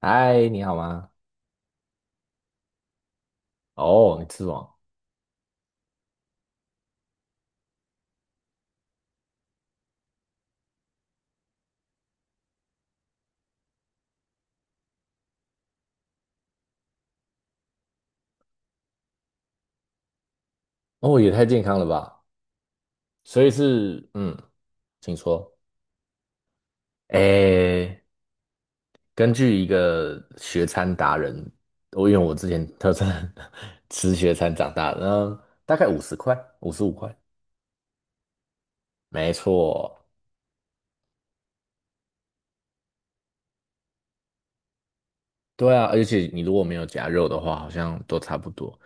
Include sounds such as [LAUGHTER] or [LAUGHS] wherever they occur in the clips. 嗨，你好吗？哦，你吃什么？哦，也太健康了吧！所以是，请说。诶，根据一个学餐达人，因为我之前特餐 [LAUGHS] 吃学餐长大的，大概50块，55块，没错。对啊，而且你如果没有夹肉的话，好像都差不多。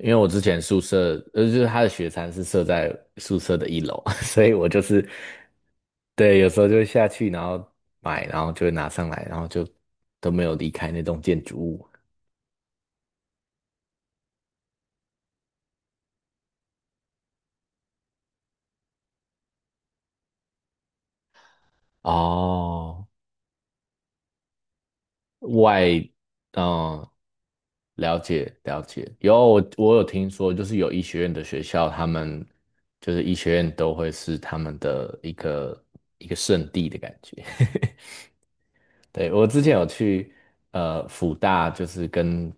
因为我之前宿舍，就是他的学餐是设在宿舍的一楼，[LAUGHS] 所以我就是，对，有时候就会下去，然后买，然后就会拿上来，然后就都没有离开那栋建筑物。哦，外，嗯，了解了解。我有听说，就是有医学院的学校，他们就是医学院都会是他们的一个圣地的感觉。[LAUGHS] 对，我之前有去福大，就是跟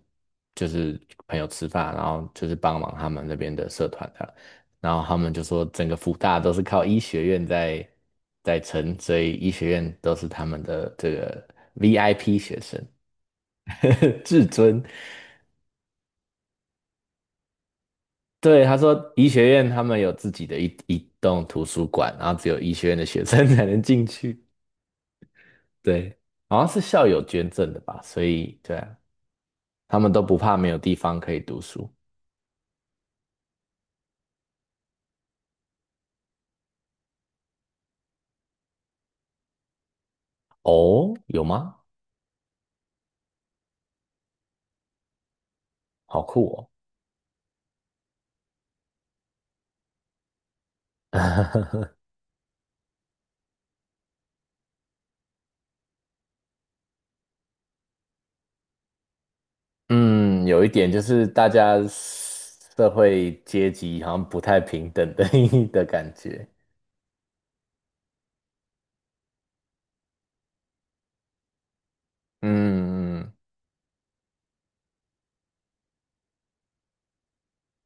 就是朋友吃饭，然后就是帮忙他们那边的社团的，然后他们就说整个福大都是靠医学院在撑，所以医学院都是他们的这个 VIP 学生，[LAUGHS] 至尊。对，他说医学院他们有自己的一栋图书馆，然后只有医学院的学生 [LAUGHS] 才能进去。对，好像是校友捐赠的吧，所以对啊，他们都不怕没有地方可以读书。哦，有吗？好酷哦。[LAUGHS] 嗯，有一点就是大家社会阶级好像不太平等的 [LAUGHS] 的感觉。嗯嗯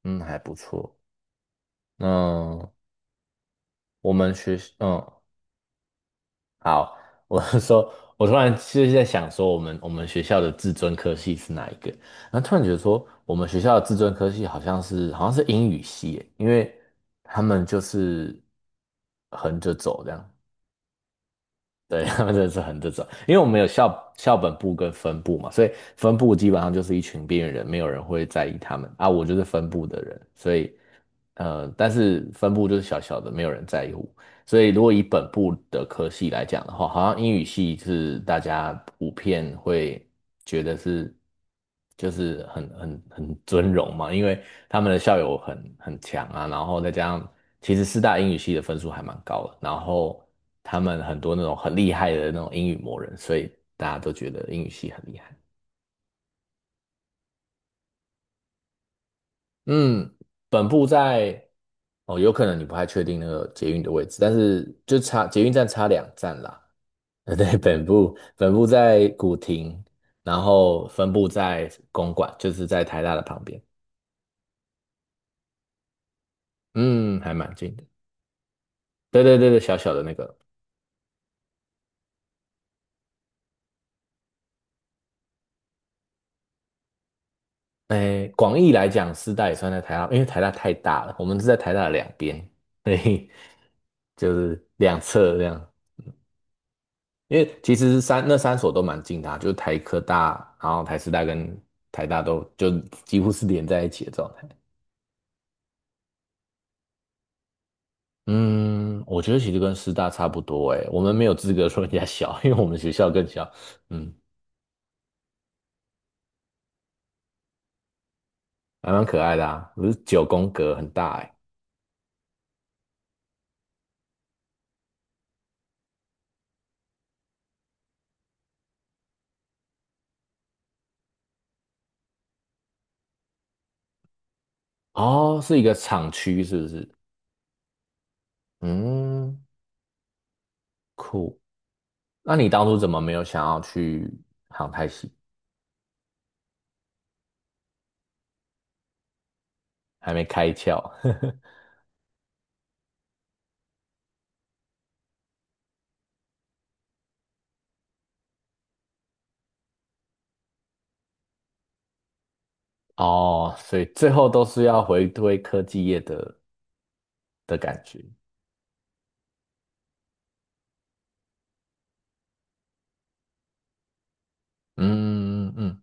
嗯，还不错。嗯，我们学，好，我是说，我突然就是在想说，我们学校的自尊科系是哪一个？然后突然觉得说，我们学校的自尊科系好像是英语系耶，因为他们就是横着走这样。对，[LAUGHS] 他们真的是很这种，因为我们有校本部跟分部嘛，所以分部基本上就是一群边缘人，没有人会在意他们啊。我就是分部的人，所以但是分部就是小小的，没有人在乎。所以如果以本部的科系来讲的话，好像英语系是大家普遍会觉得是就是很尊荣嘛，因为他们的校友很强啊，然后再加上其实四大英语系的分数还蛮高的，然后他们很多那种很厉害的那种英语魔人，所以大家都觉得英语系很厉害。嗯，本部在哦，有可能你不太确定那个捷运的位置，但是就差捷运站差2站啦。[LAUGHS] 对，本部在古亭，然后分部在公馆，就是在台大的旁边。嗯，还蛮近的。对对对对，小小的那个。诶，广义来讲，师大也算在台大，因为台大太大了，我们是在台大的两边，所以就是两侧这样。因为其实那三所都蛮近的啊就是台科大，然后台师大跟台大都就几乎是连在一起的状态。嗯，我觉得其实跟师大差不多诶，我们没有资格说人家小，因为我们学校更小。嗯，还蛮可爱的啊，不是九宫格很大诶。哦，是一个厂区是不是？嗯，酷。那你当初怎么没有想要去航太系？还没开窍 [LAUGHS] 哦，所以最后都是要回归科技业的感觉。嗯嗯，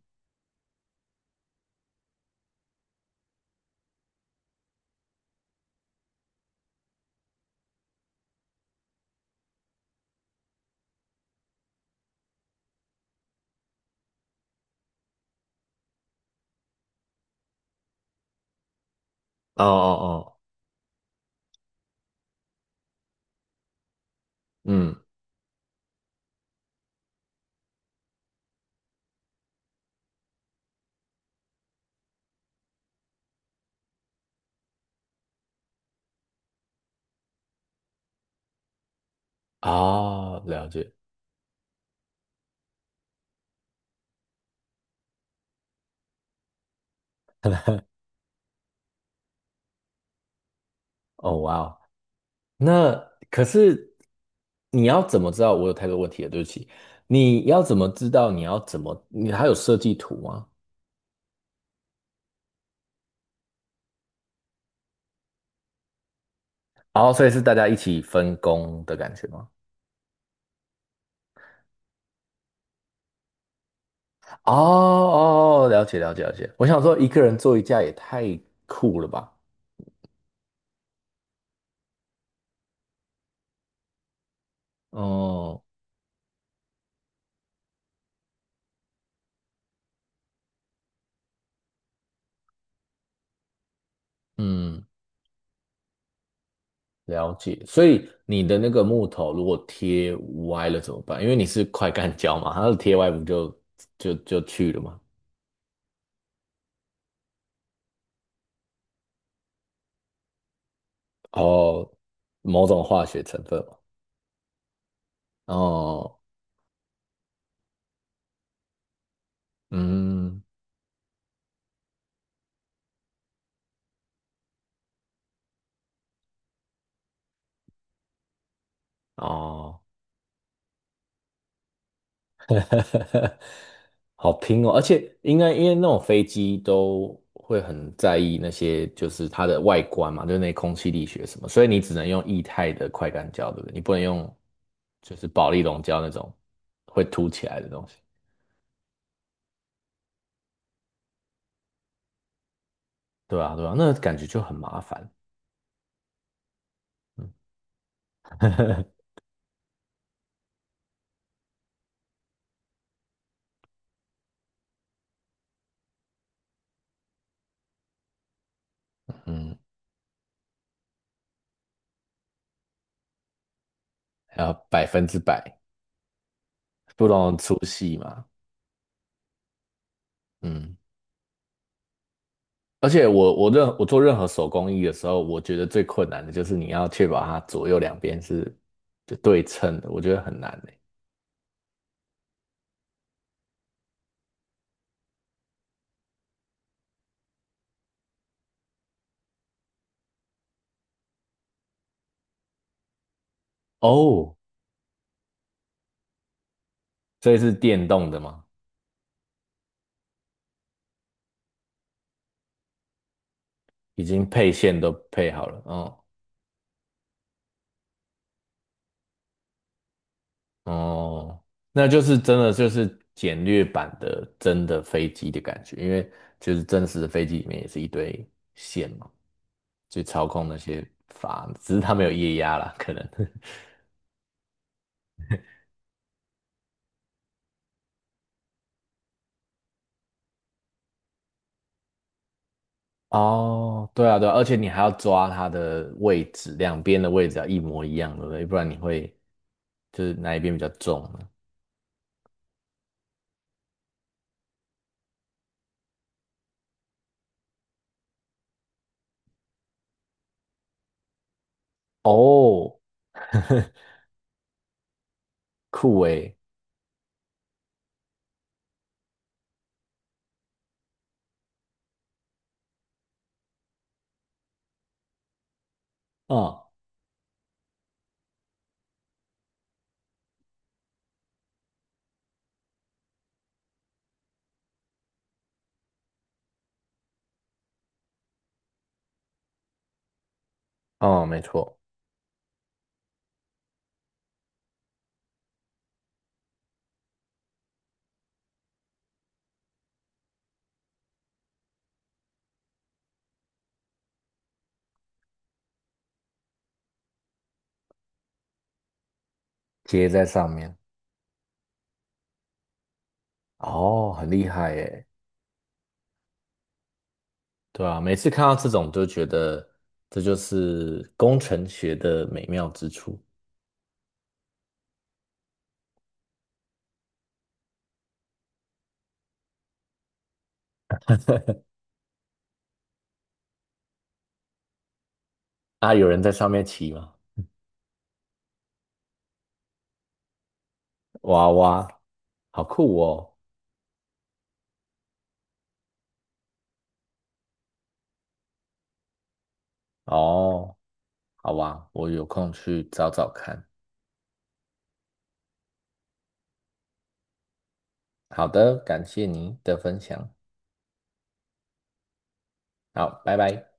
哦哦哦，嗯哦，了解。哦哇哦，那可是你要怎么知道？我有太多问题了，对不起。你要怎么知道？你要怎么？你还有设计图吗？哦，所以是大家一起分工的感觉吗？哦哦，哦了解了解了解。我想说，一个人做一架也太酷了吧？哦，嗯，了解。所以你的那个木头如果贴歪了怎么办？因为你是快干胶嘛，它贴歪不就去了吗？哦，某种化学成分嘛。哦，嗯，哦，[LAUGHS] 好拼哦，而且应该因为那种飞机都会很在意那些就是它的外观嘛，就是那空气力学什么，所以你只能用液态的快干胶，对不对？你不能用就是保利龙胶那种会凸起来的东西。对啊，对啊，那感觉就很麻烦。[LAUGHS] 嗯，还要百分之百不能粗细嘛。嗯，而且我做任何手工艺的时候，我觉得最困难的就是你要确保它左右两边是就对称的，我觉得很难呢。哦，这是电动的吗？已经配线都配好了。哦哦，那就是真的就是简略版的真的飞机的感觉，因为就是真实的飞机里面也是一堆线嘛，去操控那些阀，只是它没有液压啦，可能。[LAUGHS] 哦，对啊对啊，而且你还要抓它的位置，两边的位置要一模一样，对不对？不然你会就是哪一边比较重呢？哦，[LAUGHS] 酷诶，嗯，哦，没错，接在上面。哦，很厉害耶。对啊，每次看到这种都觉得这就是工程学的美妙之处啊！有人在上面骑吗？哇哇，好酷哦！哦，好吧，我有空去找找看。好的，感谢您的分享，好，拜拜。